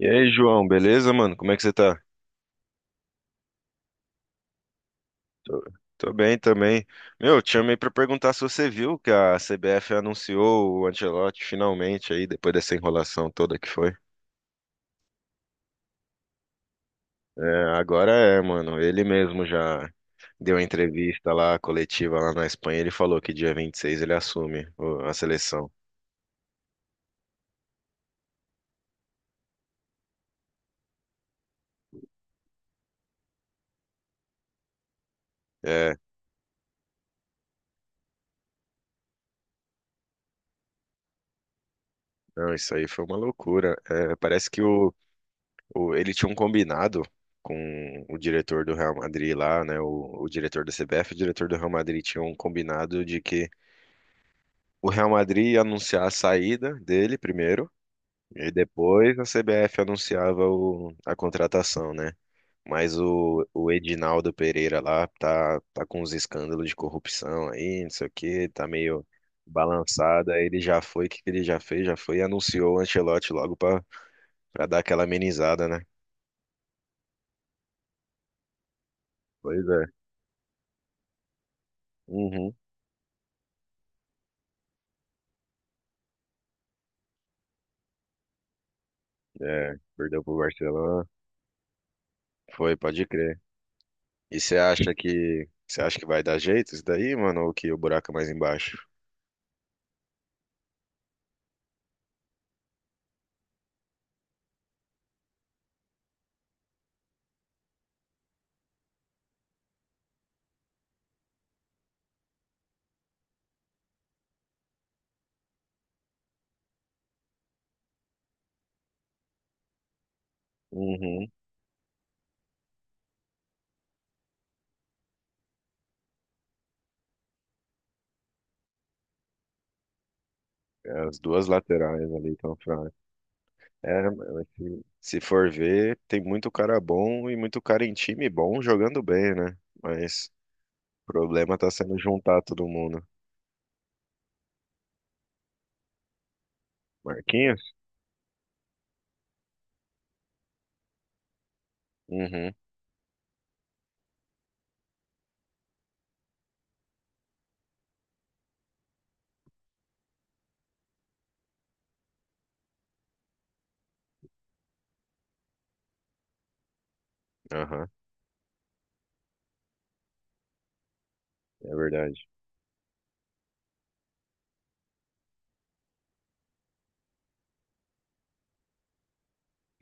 E aí, João, beleza, mano? Como é que você tá? Tô, tô bem também. Meu, eu te chamei pra perguntar se você viu que a CBF anunciou o Ancelotti finalmente aí, depois dessa enrolação toda que foi. É, agora é, mano. Ele mesmo já deu a entrevista lá, coletiva lá na Espanha. Ele falou que dia 26 ele assume a seleção. É, não, isso aí foi uma loucura. É, parece que ele tinha um combinado com o diretor do Real Madrid lá, né? O diretor da CBF, o diretor do Real Madrid tinha um combinado de que o Real Madrid ia anunciar a saída dele primeiro, e depois a CBF anunciava a contratação, né? Mas o Edinaldo Pereira lá tá com uns escândalos de corrupção aí, não sei o quê, tá meio balançado. Aí ele já foi, o que que ele já fez? Já foi e anunciou o Ancelotti logo pra dar aquela amenizada, né? Pois é. Uhum. É, perdeu pro Barcelona. Foi, pode crer. E você acha que vai dar jeito isso daí, mano, ou que o buraco é mais embaixo? Uhum. As duas laterais ali estão fracas. É, mas se for ver, tem muito cara bom e muito cara em time bom jogando bem, né? Mas o problema tá sendo juntar todo mundo. Marquinhos? Uhum, aham, é verdade.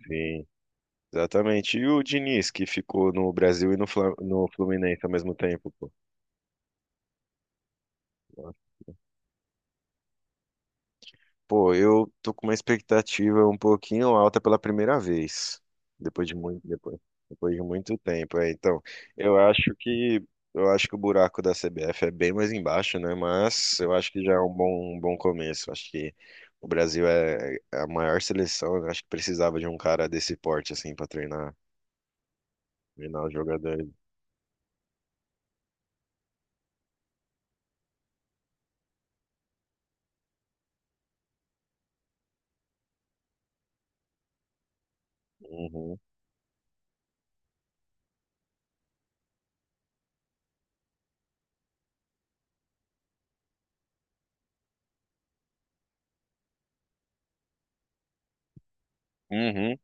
Sim, exatamente. E o Diniz, que ficou no Brasil e no Fluminense ao mesmo tempo, pô. Pô, eu tô com uma expectativa um pouquinho alta pela primeira vez, depois de muito, depois, depois de muito tempo. É, então, eu acho que eu acho que o buraco da CBF é bem mais embaixo, né? Mas eu acho que já é um bom começo. Acho que o Brasil é a maior seleção, né? Acho que precisava de um cara desse porte assim para treinar os jogadores. Uhum. Uhum.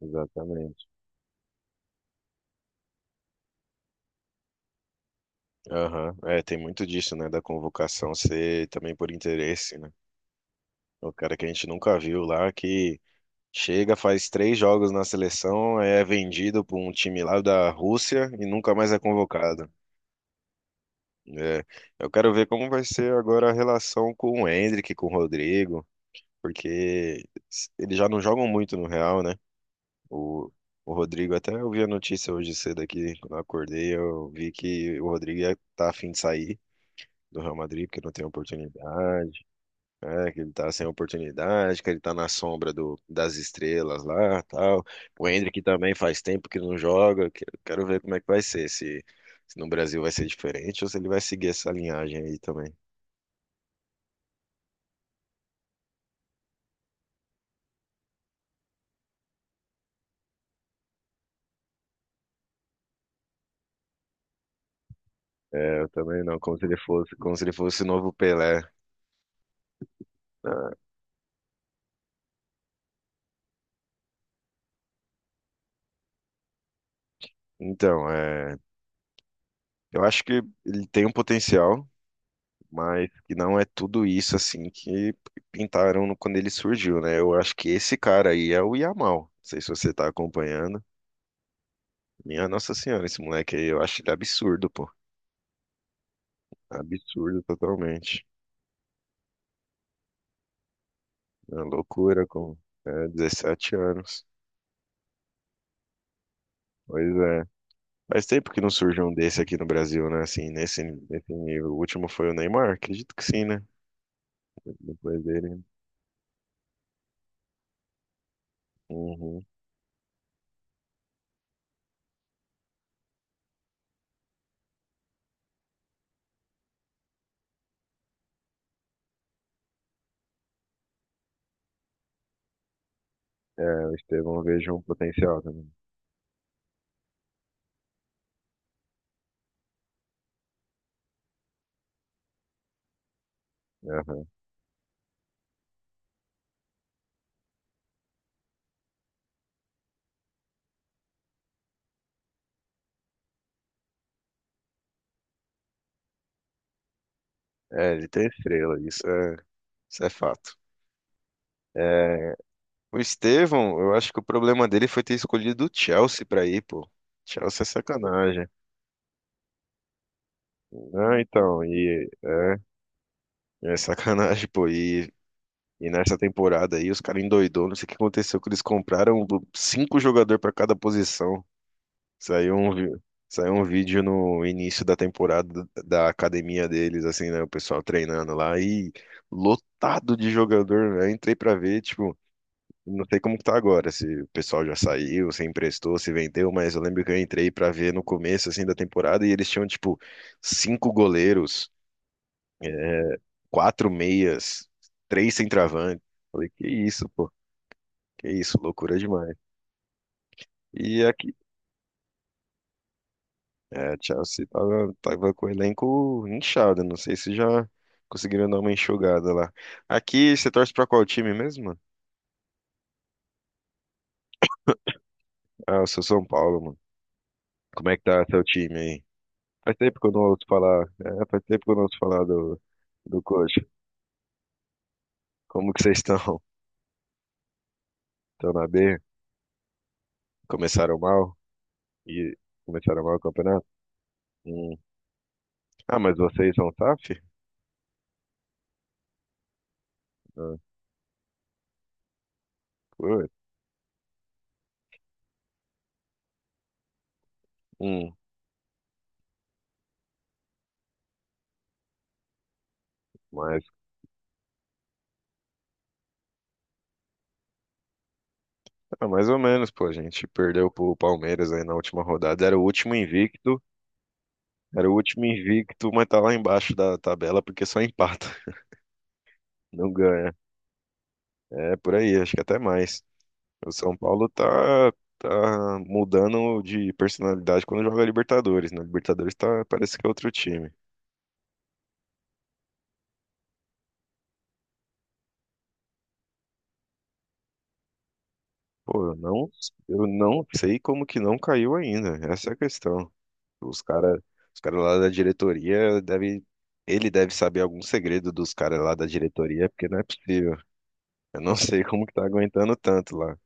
Exatamente. Aham. É, tem muito disso, né? Da convocação ser também por interesse, né? O cara que a gente nunca viu lá, que chega, faz três jogos na seleção, é vendido para um time lá da Rússia e nunca mais é convocado. É, eu quero ver como vai ser agora a relação com o Endrick, com o Rodrigo, porque eles já não jogam muito no Real, né? O, o Rodrigo, até eu vi a notícia hoje cedo aqui, quando eu acordei, eu vi que o Rodrigo tá a fim de sair do Real Madrid, porque não tem oportunidade. É, que ele tá sem oportunidade, que ele tá na sombra do, das estrelas lá, tal. O Hendrick também faz tempo que não joga. Quero ver como é que vai ser, se no Brasil vai ser diferente ou se ele vai seguir essa linhagem aí também. É, eu também não, como se ele fosse o novo Pelé. Ah, então, é, eu acho que ele tem um potencial, mas que não é tudo isso assim que pintaram quando ele surgiu, né? Eu acho que esse cara aí é o Yamal. Não sei se você tá acompanhando. Minha Nossa Senhora, esse moleque aí, eu acho ele absurdo, pô. Absurdo totalmente. É uma loucura com 17 anos. Pois é. Faz tempo que não surge um desse aqui no Brasil, né? Assim, nesse nível. O último foi o Neymar, acredito que sim, né? Depois dele. Uhum. É, o Estevão eu vejo um potencial também. Aham. É, ele tem estrela, isso é fato. É, o Estevão, eu acho que o problema dele foi ter escolhido o Chelsea pra ir, pô. Chelsea é sacanagem. Ah, então, e é sacanagem, pô. E nessa temporada aí, os caras endoidou, não sei o que aconteceu, que eles compraram cinco jogadores pra cada posição. Saiu um, vi- saiu um vídeo no início da temporada da academia deles, assim, né? O pessoal treinando lá e lotado de jogador, né? Entrei pra ver, tipo, não sei como que tá agora, se o pessoal já saiu, se emprestou, se vendeu, mas eu lembro que eu entrei pra ver no começo, assim, da temporada e eles tinham, tipo, cinco goleiros, quatro meias, três centroavantes. Falei, que isso, pô, que isso, loucura demais. E aqui, a Chelsea tava com o elenco inchado, não sei se já conseguiram dar uma enxugada lá. Aqui, você torce pra qual time mesmo, mano? Ah, eu sou São Paulo, mano. Como é que tá seu time aí? Faz tempo que eu não ouço falar, Faz tempo que eu não ouço falar do coach. Como que vocês estão? Estão na B? Começaram mal? E começaram mal o campeonato? Hum. Ah, mas vocês são SAF? Ah, putz. Hum. Mas, cara, mais ou menos, pô, a gente perdeu pro Palmeiras aí na última rodada. Era o último invicto, mas tá lá embaixo da tabela porque só empata, não ganha. É por aí, acho que até mais. O São Paulo tá mudando de personalidade quando joga Libertadores, né? Libertadores tá, parece que é outro time. Pô, eu não sei como que não caiu ainda, essa é a questão. Os cara, os cara lá da diretoria ele deve saber algum segredo dos caras lá da diretoria, porque não é possível. Eu não sei como que tá aguentando tanto lá.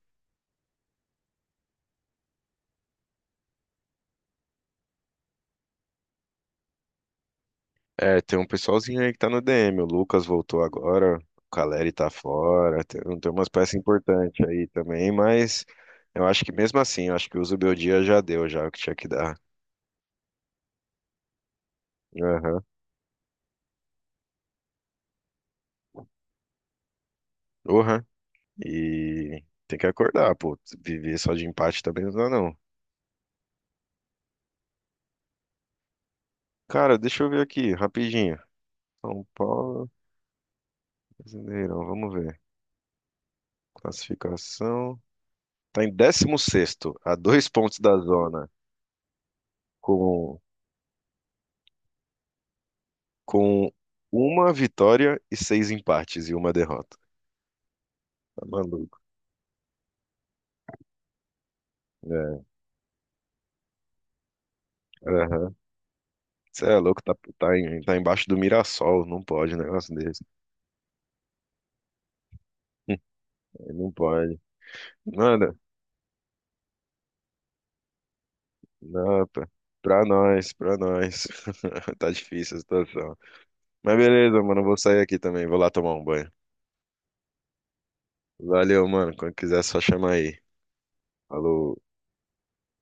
É, tem um pessoalzinho aí que tá no DM, o Lucas voltou agora, o Caleri tá fora, tem umas peças importantes aí também, mas eu acho que mesmo assim, eu acho que o Zubeldia já deu já o que tinha que dar. Aham, uhum. E tem que acordar, pô, viver só de empate também não dá não. Cara, deixa eu ver aqui, rapidinho. São Paulo. Brasileirão, vamos ver. Classificação. Está em 16º, a dois pontos da zona, com, com uma vitória e seis empates e uma derrota. Tá maluco. É, aham. Você é louco, tá embaixo do Mirassol, não pode um negócio desse. Não pode. Nada, não, pra nós, pra nós. Tá difícil a situação. Mas beleza, mano, eu vou sair aqui também, vou lá tomar um banho. Valeu, mano, quando quiser é só chamar aí. Falou.